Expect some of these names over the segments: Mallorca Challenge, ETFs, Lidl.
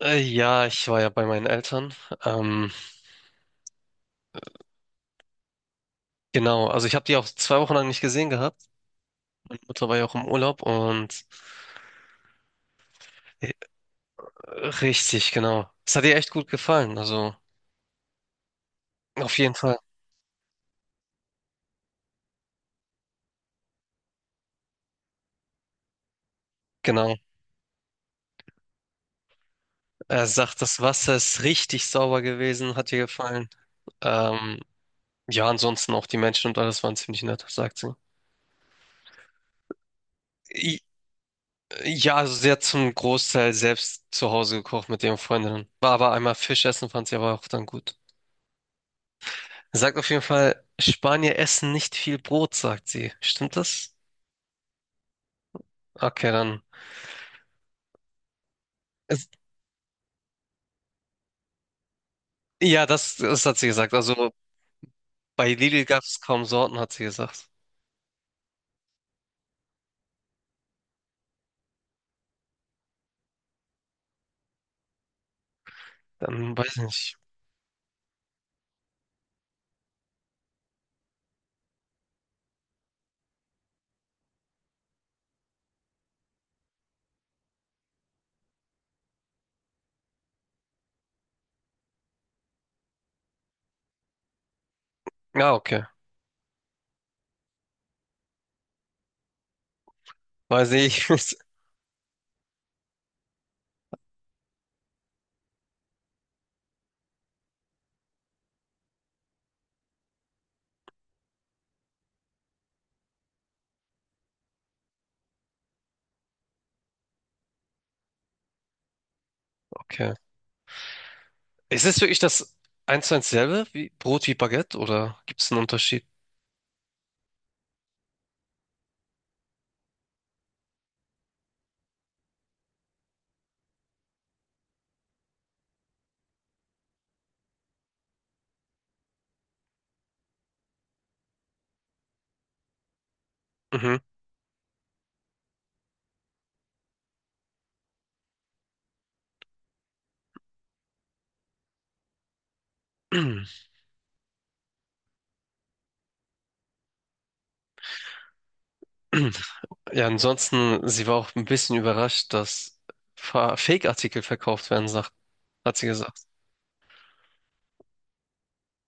Ja, ich war ja bei meinen Eltern. Ähm, genau, also ich habe die auch 2 Wochen lang nicht gesehen gehabt. Mutter war ja auch im Urlaub und äh, richtig, genau. Es hat ihr echt gut gefallen, also auf jeden Fall. Genau. Er sagt, das Wasser ist richtig sauber gewesen, hat ihr gefallen. Ähm, ja, ansonsten auch die Menschen und alles waren ziemlich nett, sagt sie. I- Ja, also sie hat zum Großteil selbst zu Hause gekocht mit ihren Freundinnen. War aber einmal Fisch essen, fand sie aber auch dann gut. Sagt auf jeden Fall, Spanier essen nicht viel Brot, sagt sie. Stimmt das? Okay, dann. Es- Ja, das hat sie gesagt. Also bei Lidl gab es kaum Sorten, hat sie gesagt. Dann weiß ich nicht. Ja, okay. Weiß ich. Okay. Ist es wirklich das eins zu eins selbe wie Brot wie Baguette oder gibt es einen Unterschied? Mhm. Ja, ansonsten, sie war auch ein bisschen überrascht, dass Fake-Artikel verkauft werden, sagt, hat sie gesagt.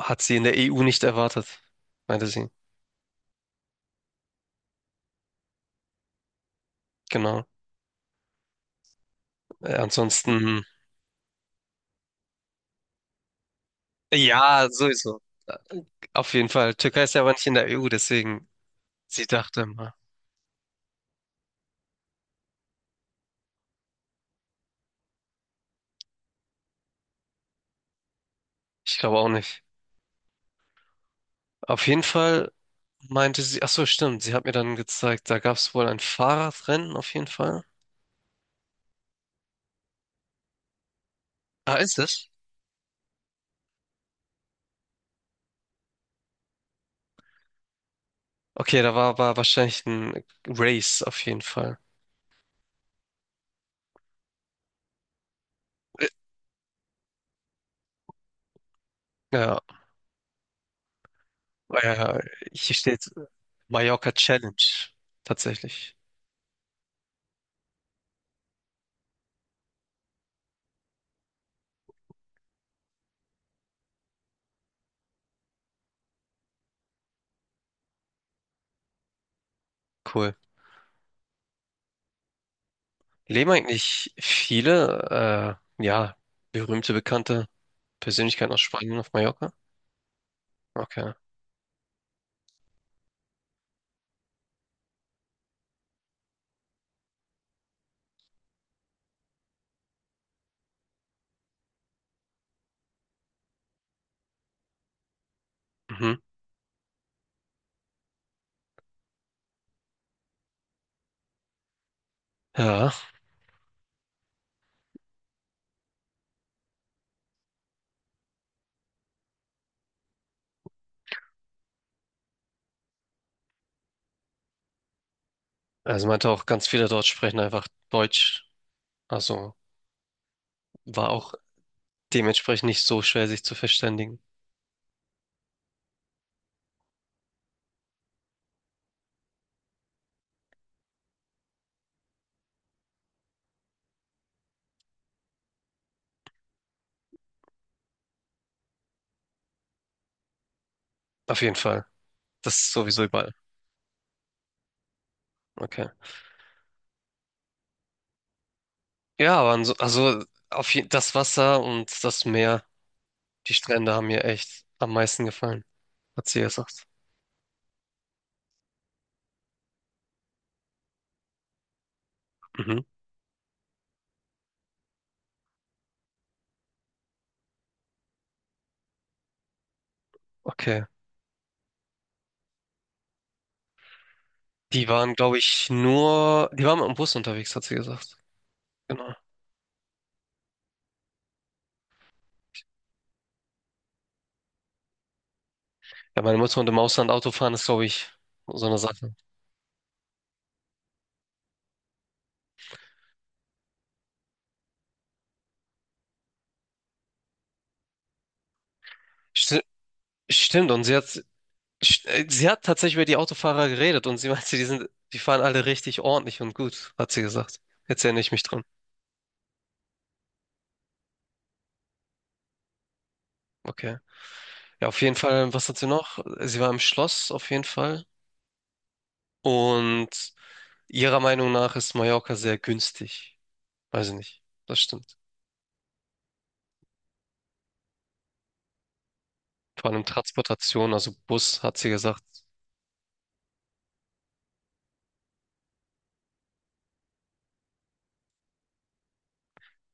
Hat sie in der EU nicht erwartet, meinte sie. Genau. Ansonsten, ja, sowieso. Auf jeden Fall. Türkei ist ja aber nicht in der EU, deswegen, sie dachte mal. Ich glaube auch nicht. Auf jeden Fall meinte sie, ach so, stimmt, sie hat mir dann gezeigt, da gab es wohl ein Fahrradrennen auf jeden Fall. Ah, ist es? Okay, da war aber wahrscheinlich ein Race auf jeden Fall. Ja, äh, hier steht Mallorca Challenge. Tatsächlich. Cool. Leben eigentlich viele, ja, berühmte, bekannte Persönlichkeit aus Spanien auf Mallorca? Okay. Mhm. Ja, also meinte auch, ganz viele dort sprechen einfach Deutsch. Also war auch dementsprechend nicht so schwer, sich zu verständigen. Auf jeden Fall. Das ist sowieso überall. Okay. Ja, aber also auf je das Wasser und das Meer, die Strände haben mir echt am meisten gefallen, hat sie gesagt. Mhm. Okay. Die waren, glaube ich, nur, die waren im Bus unterwegs, hat sie gesagt. Genau. Ja, meine Mutter und im Ausland Auto fahren ist, glaube ich, so eine Sache. St Stimmt, und sie hat tatsächlich über die Autofahrer geredet und sie meinte, die sind, die fahren alle richtig ordentlich und gut, hat sie gesagt. Jetzt erinnere ich mich dran. Okay. Ja, auf jeden Fall, was hat sie noch? Sie war im Schloss, auf jeden Fall. Und ihrer Meinung nach ist Mallorca sehr günstig. Weiß ich nicht. Das stimmt. Vor allem Transportation, also Bus, hat sie gesagt,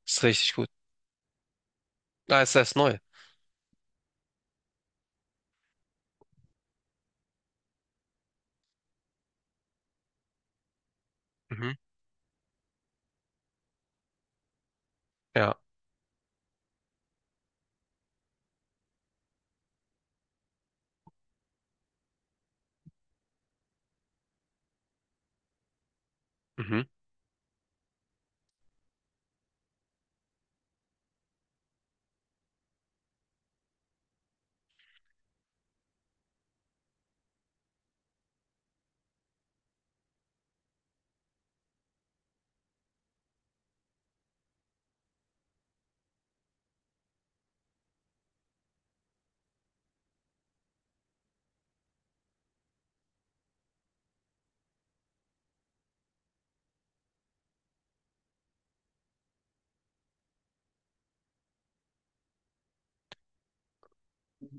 ist richtig gut. Ah, ist erst neu. Mhm. Ja. Mhm.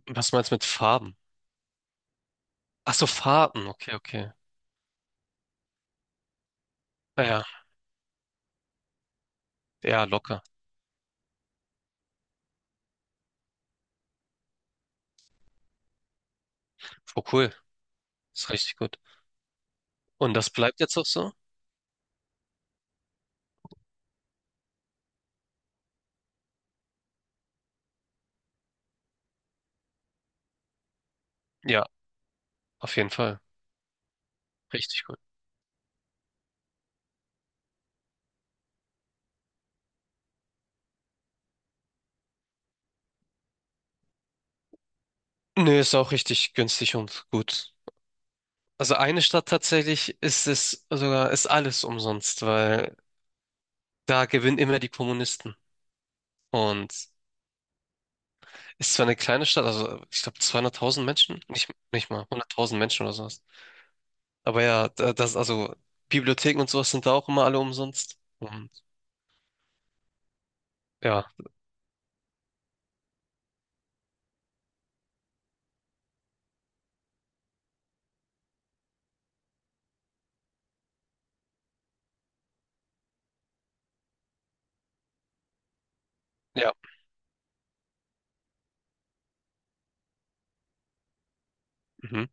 Was meinst du mit Farben? Ach so, Fahrten. Okay, okay. Ah ja. Ja, locker. Oh, cool. Ist richtig gut. Und das bleibt jetzt auch so? Ja, auf jeden Fall. Richtig gut. Nö, ist auch richtig günstig und gut. Also eine Stadt tatsächlich ist es sogar, ist alles umsonst, weil da gewinnen immer die Kommunisten. Und ist zwar eine kleine Stadt, also ich glaube 200.000 Menschen, nicht, nicht mal 100.000 Menschen oder sowas. Aber ja, das, also Bibliotheken und sowas sind da auch immer alle umsonst. Und ja, ja. Mhm.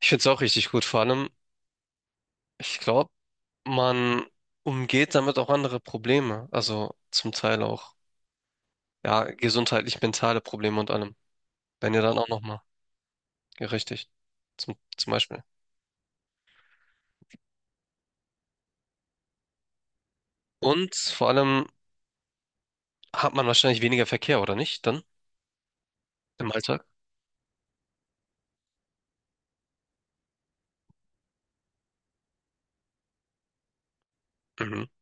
Ich finde es auch richtig gut. Vor allem, ich glaube, man umgeht damit auch andere Probleme. Also zum Teil auch, ja, gesundheitlich mentale Probleme und allem. Wenn ihr dann auch nochmal, ja, richtig, zum Beispiel. Und vor allem hat man wahrscheinlich weniger Verkehr, oder nicht? Dann im Alltag? Mhm.